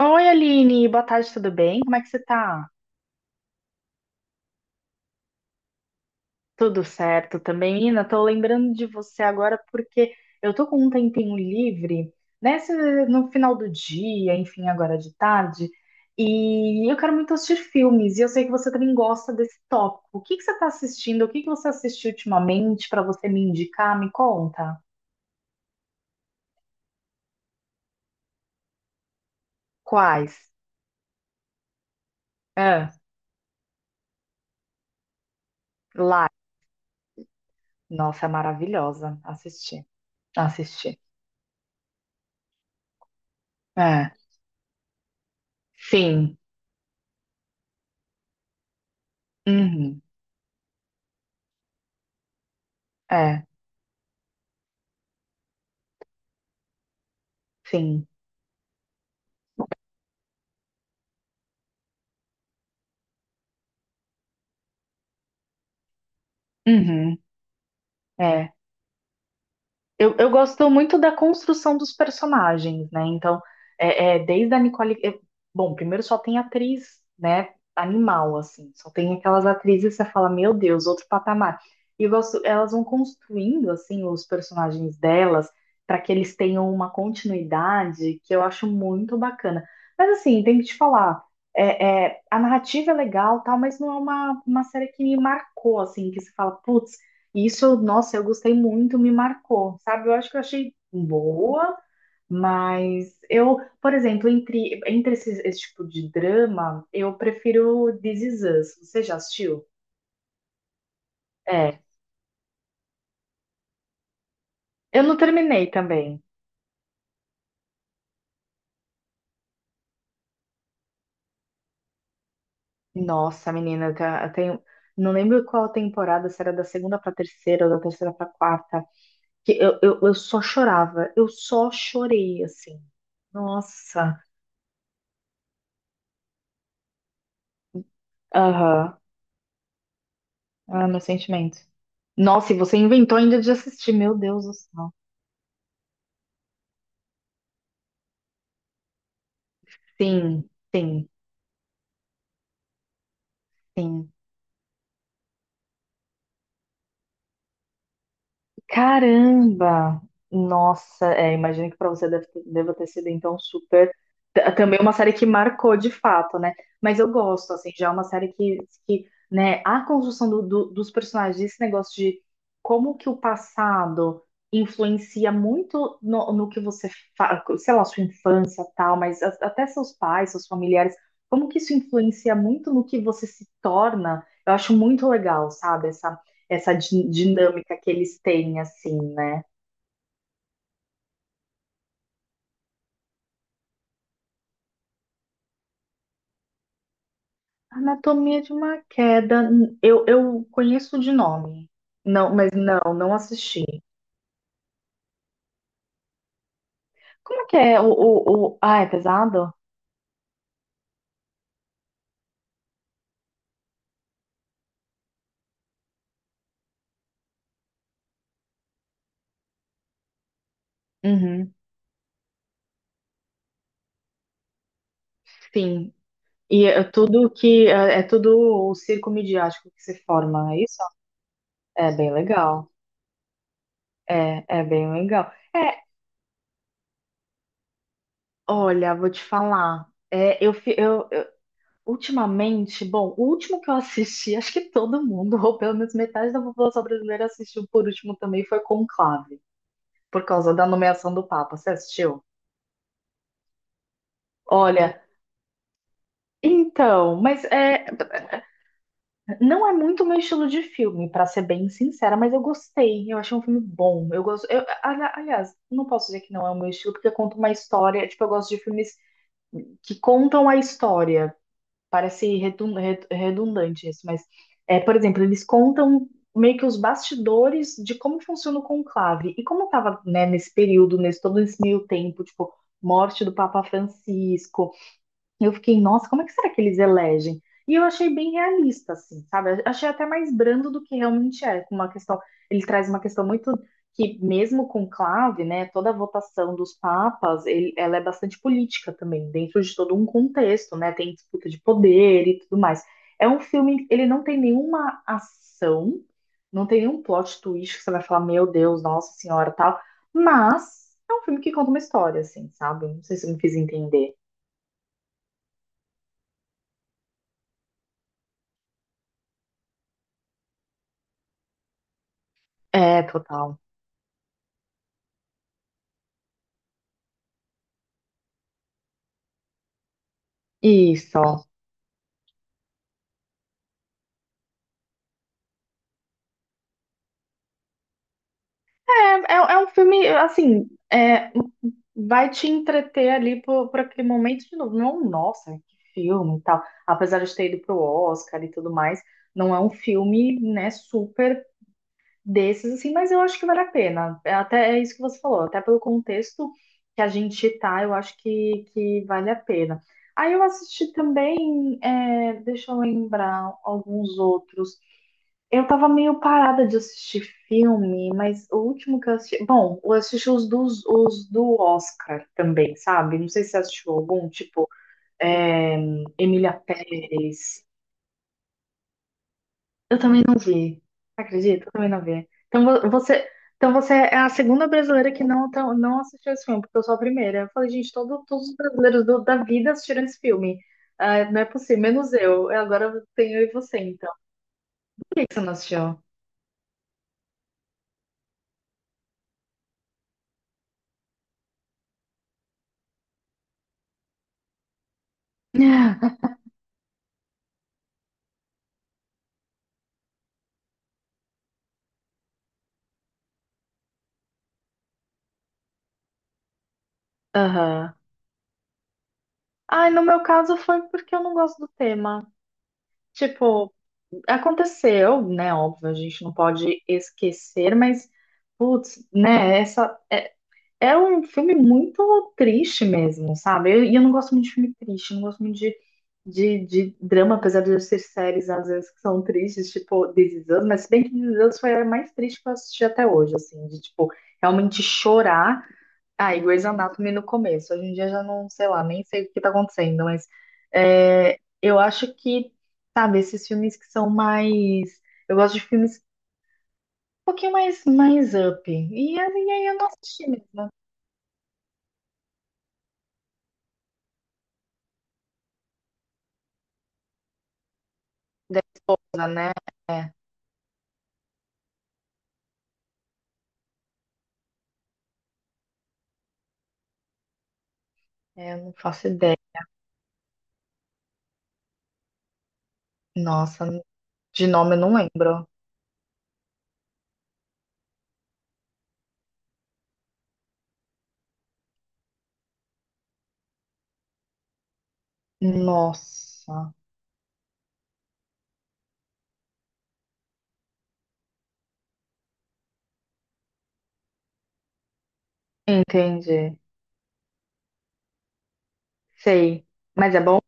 Oi, Aline, boa tarde, tudo bem? Como é que você tá? Tudo certo também, Nina? Tô lembrando de você agora porque eu tô com um tempinho livre, nesse, no final do dia, enfim, agora de tarde, e eu quero muito assistir filmes, e eu sei que você também gosta desse tópico. O que que você tá assistindo? O que que você assistiu ultimamente para você me indicar? Me conta. Quais? Ah, lá. Nossa, é maravilhosa. Assisti, assisti. É, sim. Uhum. É, sim. Uhum, é. Eu gosto muito da construção dos personagens, né? Então, desde a Nicole. Bom, primeiro só tem atriz, né? Animal, assim. Só tem aquelas atrizes que você fala, meu Deus, outro patamar. E eu gosto, elas vão construindo, assim, os personagens delas, para que eles tenham uma continuidade que eu acho muito bacana. Mas, assim, tem que te falar. A narrativa é legal, tal, mas não é uma série que me marcou, assim, que você fala, putz. Isso, nossa, eu gostei muito, me marcou, sabe? Eu acho que eu achei boa, mas eu, por exemplo, esse tipo de drama, eu prefiro This Is Us. Você já assistiu? É. Eu não terminei também. Nossa, menina, eu tenho. Não lembro qual temporada, se era da segunda pra terceira ou da terceira pra quarta, que eu só chorava, eu só chorei, assim. Nossa. Aham. Ah, meu sentimento. Nossa, e você inventou ainda de assistir, meu Deus do céu. Sim, sim, sim. Caramba! Nossa, é, imagino que para você deva ter sido então super. Também uma série que marcou de fato, né? Mas eu gosto, assim, já é uma série que né, a construção dos personagens, esse negócio de como que o passado influencia muito no que você faz, sei lá, sua infância tal, mas até seus pais, seus familiares, como que isso influencia muito no que você se torna, eu acho muito legal, sabe? Essa dinâmica que eles têm, assim, né? Anatomia de uma Queda, eu conheço de nome. Não, mas não assisti. Como é que é o... Ah, é pesado? Uhum, sim. É, é tudo o circo midiático que se forma, é isso? É bem legal. É, olha, vou te falar. Ultimamente, bom, o último que eu assisti, acho que todo mundo, ou pelo menos metade da população brasileira assistiu por último também, foi Conclave, por causa da nomeação do Papa. Você assistiu? Olha, então, mas é, não é muito meu estilo de filme, pra ser bem sincera, mas eu gostei, eu achei um filme bom. Eu gosto, aliás, não posso dizer que não é o meu estilo, porque conta uma história, tipo, eu gosto de filmes que contam a história. Parece redundante isso, mas é, por exemplo, eles contam meio que os bastidores de como funciona o conclave e como estava, né, nesse período, nesse todo esse meio tempo, tipo, morte do Papa Francisco, eu fiquei, nossa, como é que será que eles elegem? E eu achei bem realista, assim, sabe? Achei até mais brando do que realmente é, com uma questão, ele traz uma questão muito que mesmo com clave, né, toda a votação dos papas, ela é bastante política também, dentro de todo um contexto, né? Tem disputa de poder e tudo mais. É um filme, ele não tem nenhuma ação, não tem nenhum plot twist que você vai falar, meu Deus, nossa senhora, tal, mas é um filme que conta uma história, assim, sabe? Não sei se eu me fiz entender. É, total. Isso. É, é um filme, assim, é, vai te entreter ali por aquele momento de novo. Não, é um, nossa, que filme e tal. Apesar de ter ido pro Oscar e tudo mais, não é um filme, né, super desses, assim, mas eu acho que vale a pena. É até é isso que você falou, até pelo contexto que a gente tá, eu acho que vale a pena. Aí eu assisti também, é, deixa eu lembrar, alguns outros. Eu tava meio parada de assistir filme, mas o último que eu assisti. Bom, eu assisti os do Oscar também, sabe? Não sei se você assistiu algum, tipo, é, Emília Pérez. Eu também não vi. Acredito, eu também não vi. Então você, então você é a segunda brasileira que não, não assistiu esse filme, porque eu sou a primeira. Eu falei, gente, todo, todos os brasileiros da vida assistiram esse filme. Ah, não é possível, menos eu. Agora eu tenho eu e você, então. Por que que você não assistiu? Aham. Ai, no meu caso foi porque eu não gosto do tema. Tipo, aconteceu, né? Óbvio, a gente não pode esquecer, mas, putz, né? Essa é, é um filme muito triste mesmo, sabe? E eu não gosto muito de filme triste, não gosto muito de drama, apesar de eu ser séries às vezes que são tristes, tipo This Is Us, mas se bem que This Is Us foi a mais triste que eu assisti até hoje, assim, de tipo, realmente chorar. Ah, e Grey's Anatomy no começo. Hoje em dia já não, sei lá, nem sei o que tá acontecendo, mas é, eu acho que, sabe, esses filmes que são mais. Eu gosto de filmes um pouquinho mais, mais up. E aí eu não assisti mesmo. Da esposa, né? É, eu não faço ideia. Nossa, de nome eu não lembro. Nossa, entendi. Sei. Mas é bom?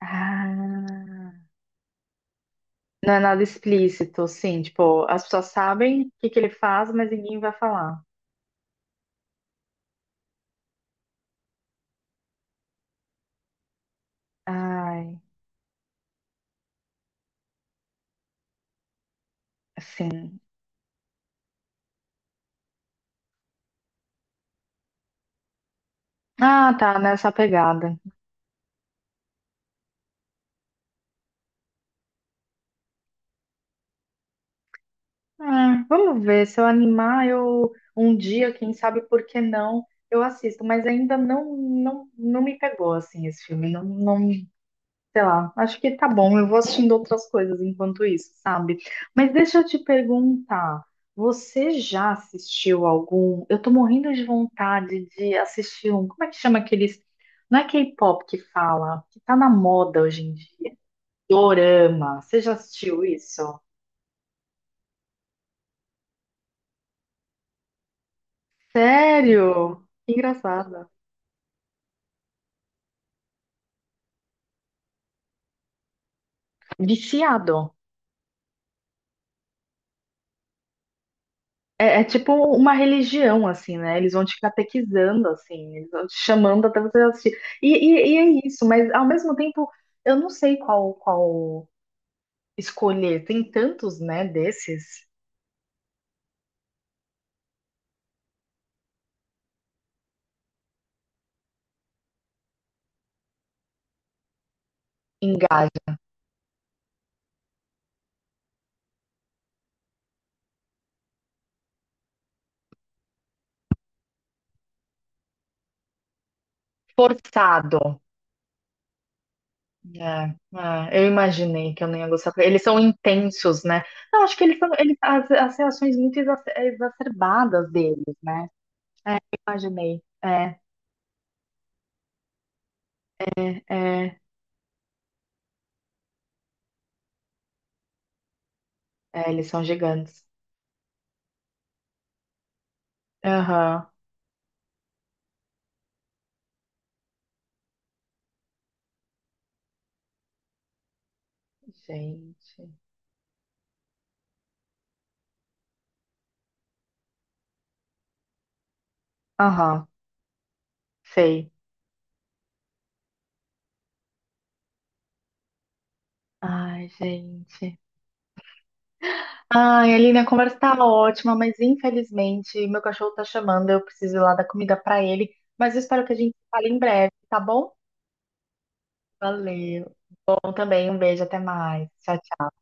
Ah, não é nada explícito, sim. Tipo, as pessoas sabem o que que ele faz, mas ninguém vai falar. Ai, sim. Ah, tá, nessa pegada. Ah, vamos ver, se eu animar, eu um dia, quem sabe por que não, eu assisto, mas ainda não me pegou assim esse filme, não, não, sei lá. Acho que tá bom, eu vou assistindo outras coisas enquanto isso, sabe? Mas deixa eu te perguntar, você já assistiu algum? Eu tô morrendo de vontade de assistir um. Como é que chama aqueles? Não é K-pop que fala, que tá na moda hoje em dia. Dorama. Você já assistiu isso? Sério? Que engraçado. Viciado. É, é tipo uma religião, assim, né? Eles vão te catequizando, assim, eles vão te chamando até você assistir. E é isso, mas ao mesmo tempo, eu não sei qual escolher. Tem tantos, né, desses. Engaja. Forçado. É, eu imaginei que eu não ia gostar. Eles são intensos, né? Eu acho que eles são eles, as reações muito exacerbadas deles, né? É, imaginei. É, eles são gigantes. Aham, gente. Aham, sei. Ai, gente. Ai, Aline, a conversa tá ótima, mas infelizmente meu cachorro tá chamando, eu preciso ir lá dar comida pra ele. Mas eu espero que a gente fale em breve, tá bom? Valeu. Bom também, um beijo, até mais. Tchau, tchau.